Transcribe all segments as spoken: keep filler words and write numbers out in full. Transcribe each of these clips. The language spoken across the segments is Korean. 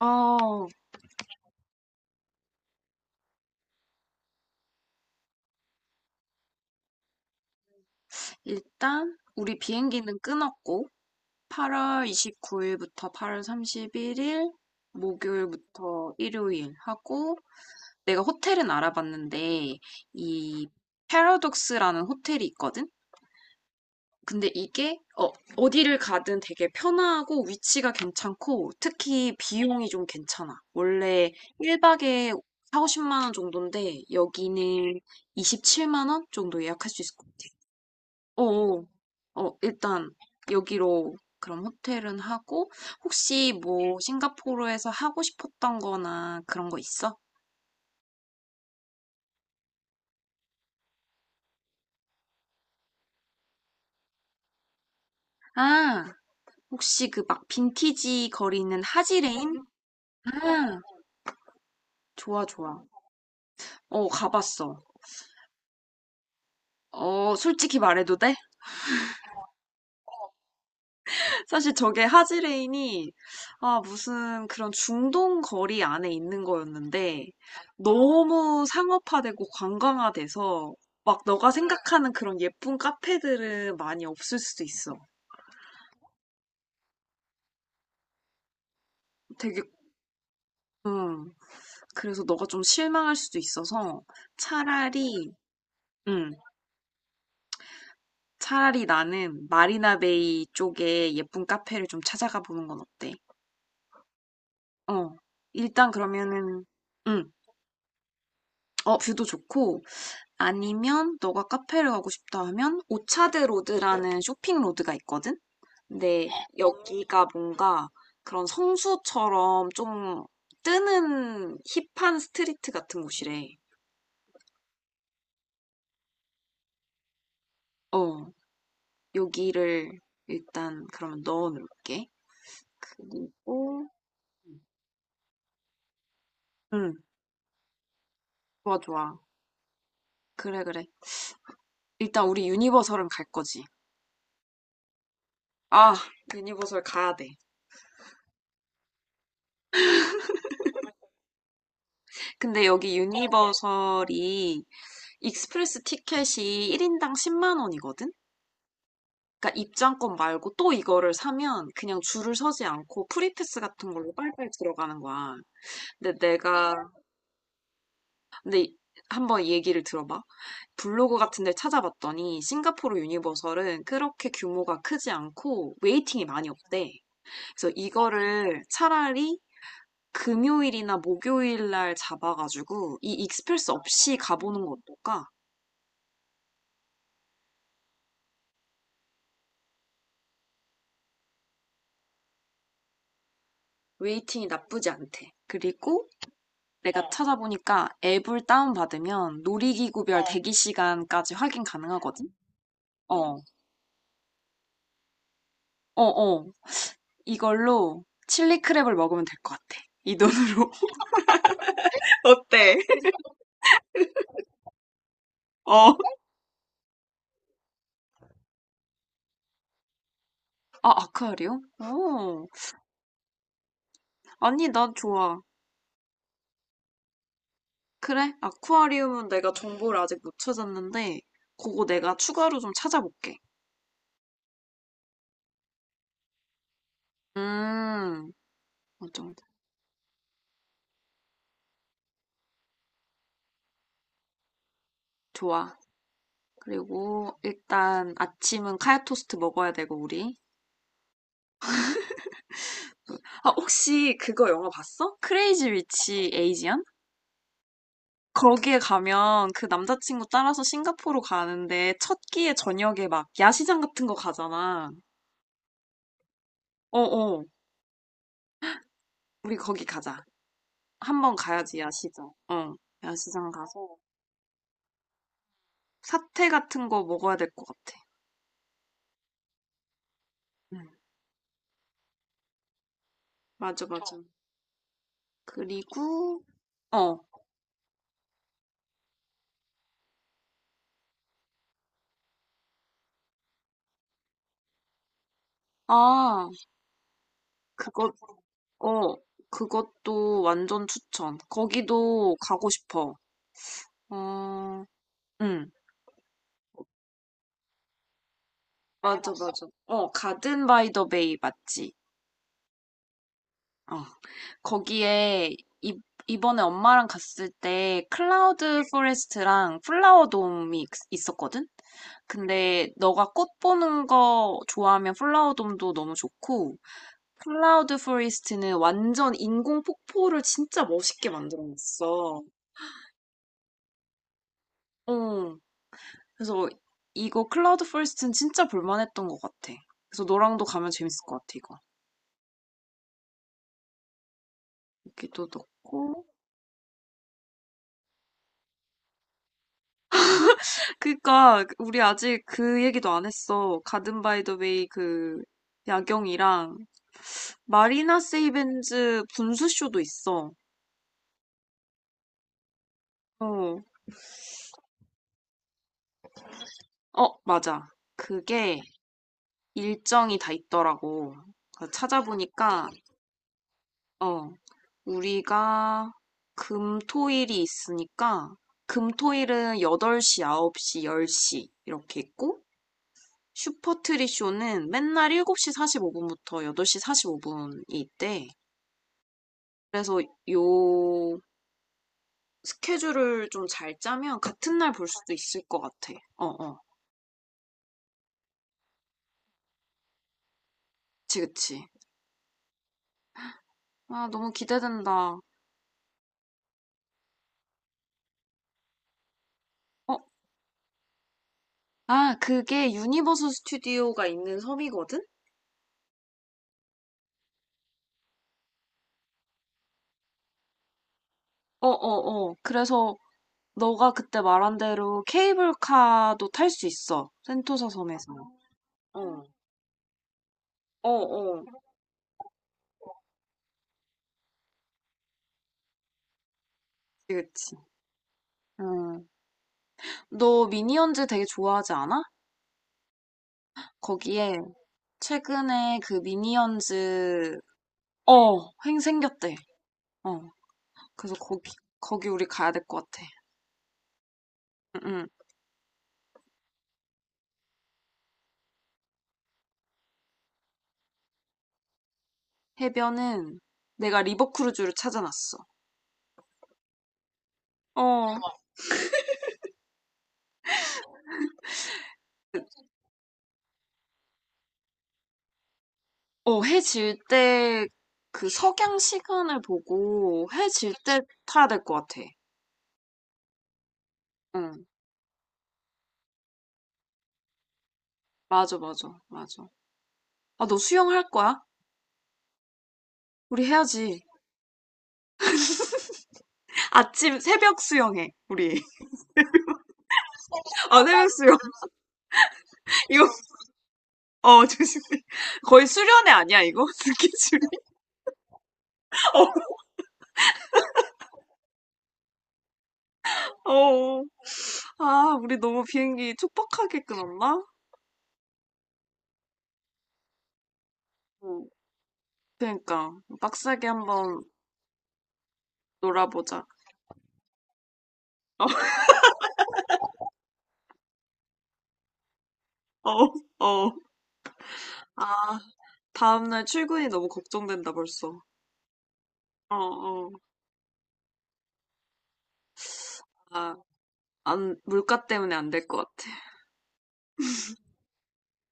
어, 일단 우리 비행기는 끊었고 팔월 이십구 일부터 팔월 삼십일 일, 목요일부터 일요일 하고, 내가 호텔은 알아봤는데 이 패러독스라는 호텔이 있거든? 근데 이게 어, 어디를 가든 되게 편하고 위치가 괜찮고 특히 비용이 좀 괜찮아. 원래 일 박에 사십, 오십만 원 정도인데 여기는 이십칠만 원 정도 예약할 수 있을 것 같아. 어어. 어, 어, 일단 여기로 그럼 호텔은 하고, 혹시 뭐 싱가포르에서 하고 싶었던 거나 그런 거 있어? 아, 혹시 그 막 빈티지 거리 있는 하지레인? 아, 좋아 좋아. 어, 가봤어. 어, 솔직히 말해도 돼? 사실 저게 하지레인이, 아, 무슨 그런 중동 거리 안에 있는 거였는데 너무 상업화되고 관광화돼서 막 너가 생각하는 그런 예쁜 카페들은 많이 없을 수도 있어. 되게 음. 그래서 너가 좀 실망할 수도 있어서 차라리 음. 차라리 나는 마리나베이 쪽에 예쁜 카페를 좀 찾아가 보는 건 어때? 어. 일단 그러면은 음. 어, 뷰도 좋고 아니면 너가 카페를 가고 싶다 하면 오차드 로드라는 쇼핑 로드가 있거든? 근데 여기가 뭔가 그런 성수처럼 좀 뜨는 힙한 스트리트 같은 곳이래. 어, 여기를 일단 그러면 넣어 놓을게. 그리고 응, 좋아, 좋아. 그래, 그래. 일단 우리 유니버설은 갈 거지. 아, 유니버설 가야 돼. 근데 여기 유니버설이 익스프레스 티켓이 일 인당 십만 원이거든? 그러니까 입장권 말고 또 이거를 사면 그냥 줄을 서지 않고 프리패스 같은 걸로 빨빨 들어가는 거야. 근데 내가 근데 한번 얘기를 들어봐. 블로그 같은 데 찾아봤더니 싱가포르 유니버설은 그렇게 규모가 크지 않고 웨이팅이 많이 없대. 그래서 이거를 차라리 금요일이나 목요일 날 잡아가지고 이 익스프레스 없이 가보는 거 어떨까? 웨이팅이 나쁘지 않대. 그리고 내가 어, 찾아보니까 앱을 다운받으면 놀이기구별 어. 대기 시간까지 확인 가능하거든? 음. 어, 어, 어. 이걸로 칠리크랩을 먹으면 될 것 같아. 이 돈으로. 어때? 어. 아, 아쿠아리움? 오. 아니, 난 좋아. 그래, 아쿠아리움은 내가 정보를 아직 못 찾았는데, 그거 내가 추가로 좀 찾아볼게. 음, 어, 좀, 좋아. 그리고 일단 아침은 카야 토스트 먹어야 되고, 우리. 아, 혹시 그거 영화 봤어? 크레이지 위치 에이지안. 거기에 가면 그 남자친구 따라서 싱가포르 가는데 첫 끼에 저녁에 막 야시장 같은 거 가잖아. 어어, 우리 거기 가자. 한번 가야지, 야시장. 어, 야시장 가서 사태 같은 거 먹어야 될 것 같아. 응, 맞아, 맞아. 그리고, 어, 아, 그거, 어, 그것도 완전 추천. 거기도 가고 싶어. 어, 응. 맞아, 해봤어? 맞아. 어, 가든 바이 더 베이 맞지? 어. 거기에 이, 이번에 엄마랑 갔을 때 클라우드 포레스트랑 플라워 돔이 있- 있었거든? 근데 너가 꽃 보는 거 좋아하면 플라워 돔도 너무 좋고 클라우드 포레스트는 완전 인공 폭포를 진짜 멋있게 만들어놨어. 어. 그래서 이거 클라우드 포레스트는 진짜 볼만했던 것 같아. 그래서 너랑도 가면 재밌을 것 같아, 이거. 여기도 넣고 그니까 우리 아직 그 얘기도 안 했어. 가든 바이 더 웨이 그 야경이랑 마리나 세이벤즈 분수쇼도 있어. 어, 어, 맞아. 그게 일정이 다 있더라고. 그래서 찾아보니까 어, 우리가 금, 토, 일이 있으니까 금, 토, 일은 여덟 시, 아홉 시, 열 시 이렇게 있고 슈퍼트리 쇼는 맨날 일곱 시 사십오 분부터 여덟 시 사십오 분이 있대. 그래서 요 스케줄을 좀 잘 짜면 같은 날 볼 수도 있을 것 같아. 어, 어. 그치, 그치. 아, 너무 기대된다. 어, 아, 그게 유니버스 스튜디오가 있는 섬이거든? 어, 어, 어. 그래서 너가 그때 말한 대로 케이블카도 탈 수 있어, 센토사 섬에서. 어, 어, 어. 그치, 그치. 음. 너 미니언즈 되게 좋아하지 않아? 거기에 최근에 그 미니언즈, 어, 횡 생겼대. 어. 그래서 거기, 거기 우리 가야 될 것 같아. 응, 응. 해변은 내가 리버크루즈를 찾아놨어. 어, 그- 어, 해 질 때 그 석양 시간을 보고 해 질 때 타야 될 것 같아. 응, 맞아, 맞아, 맞아. 아, 너 수영할 거야? 우리 해야지. 아침 새벽 수영해, 우리. 아, 새벽 수영. 이거, 어, 조심해. 거의 수련회 아니야, 이거? 스케줄 어, 어. 아, 우리 너무 비행기 촉박하게 끊었나? 어. 그러니까 빡세게 한번 놀아보자. 어, 어. 어. 아, 다음날 출근이 너무 걱정된다 벌써. 어, 어. 아, 안, 물가 때문에 안 될 것 같아.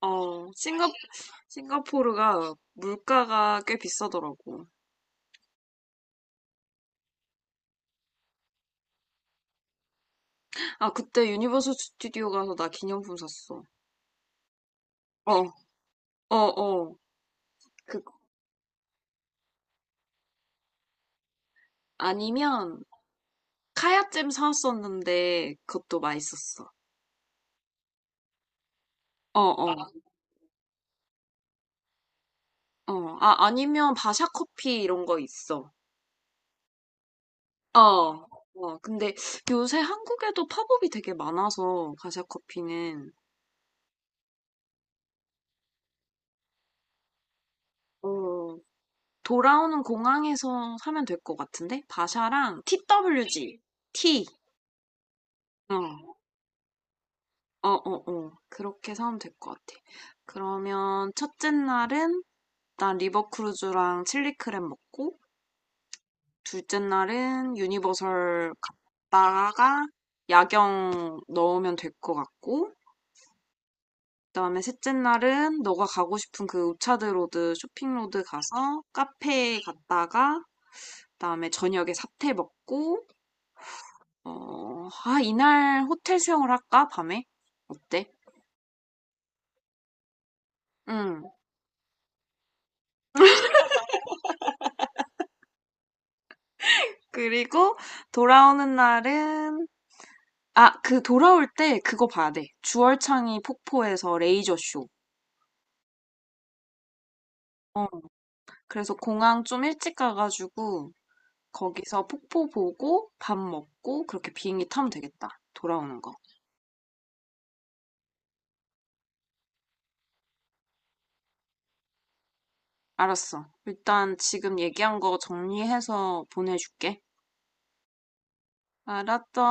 어, 싱가, 싱가포르가 물가가 꽤 비싸더라고. 아, 그때 유니버설 스튜디오 가서 나 기념품 샀어. 어, 어, 어. 그, 아니면 카야잼 사왔었는데 그것도 맛있었어. 어, 어, 어. 아, 아니면 바샤 커피 이런 거 있어. 어, 어, 근데 요새 한국에도 팝업이 되게 많아서 가샤 커피는 어, 돌아오는 공항에서 사면 될 것 같은데? 바샤랑 티더블유지, T, 어, 어, 어, 어, 그렇게 사면 될 것 같아. 그러면 첫째 날은 일단 리버크루즈랑 칠리크랩 먹고, 둘째 날은 유니버설 갔다가 야경 넣으면 될 것 같고, 그다음에 셋째 날은 너가 가고 싶은 그 우차드로드 쇼핑로드 가서 카페에 갔다가 그다음에 저녁에 사태 먹고 어, 아, 이날 호텔 수영을 할까? 밤에? 어때? 응. 그리고 돌아오는 날은, 아, 그 돌아올 때 그거 봐야 돼. 주얼창이 폭포에서 레이저 쇼. 어, 그래서 공항 좀 일찍 가가지고 거기서 폭포 보고 밥 먹고 그렇게 비행기 타면 되겠다. 돌아오는 거. 알았어. 일단 지금 얘기한 거 정리해서 보내줄게. 알았어.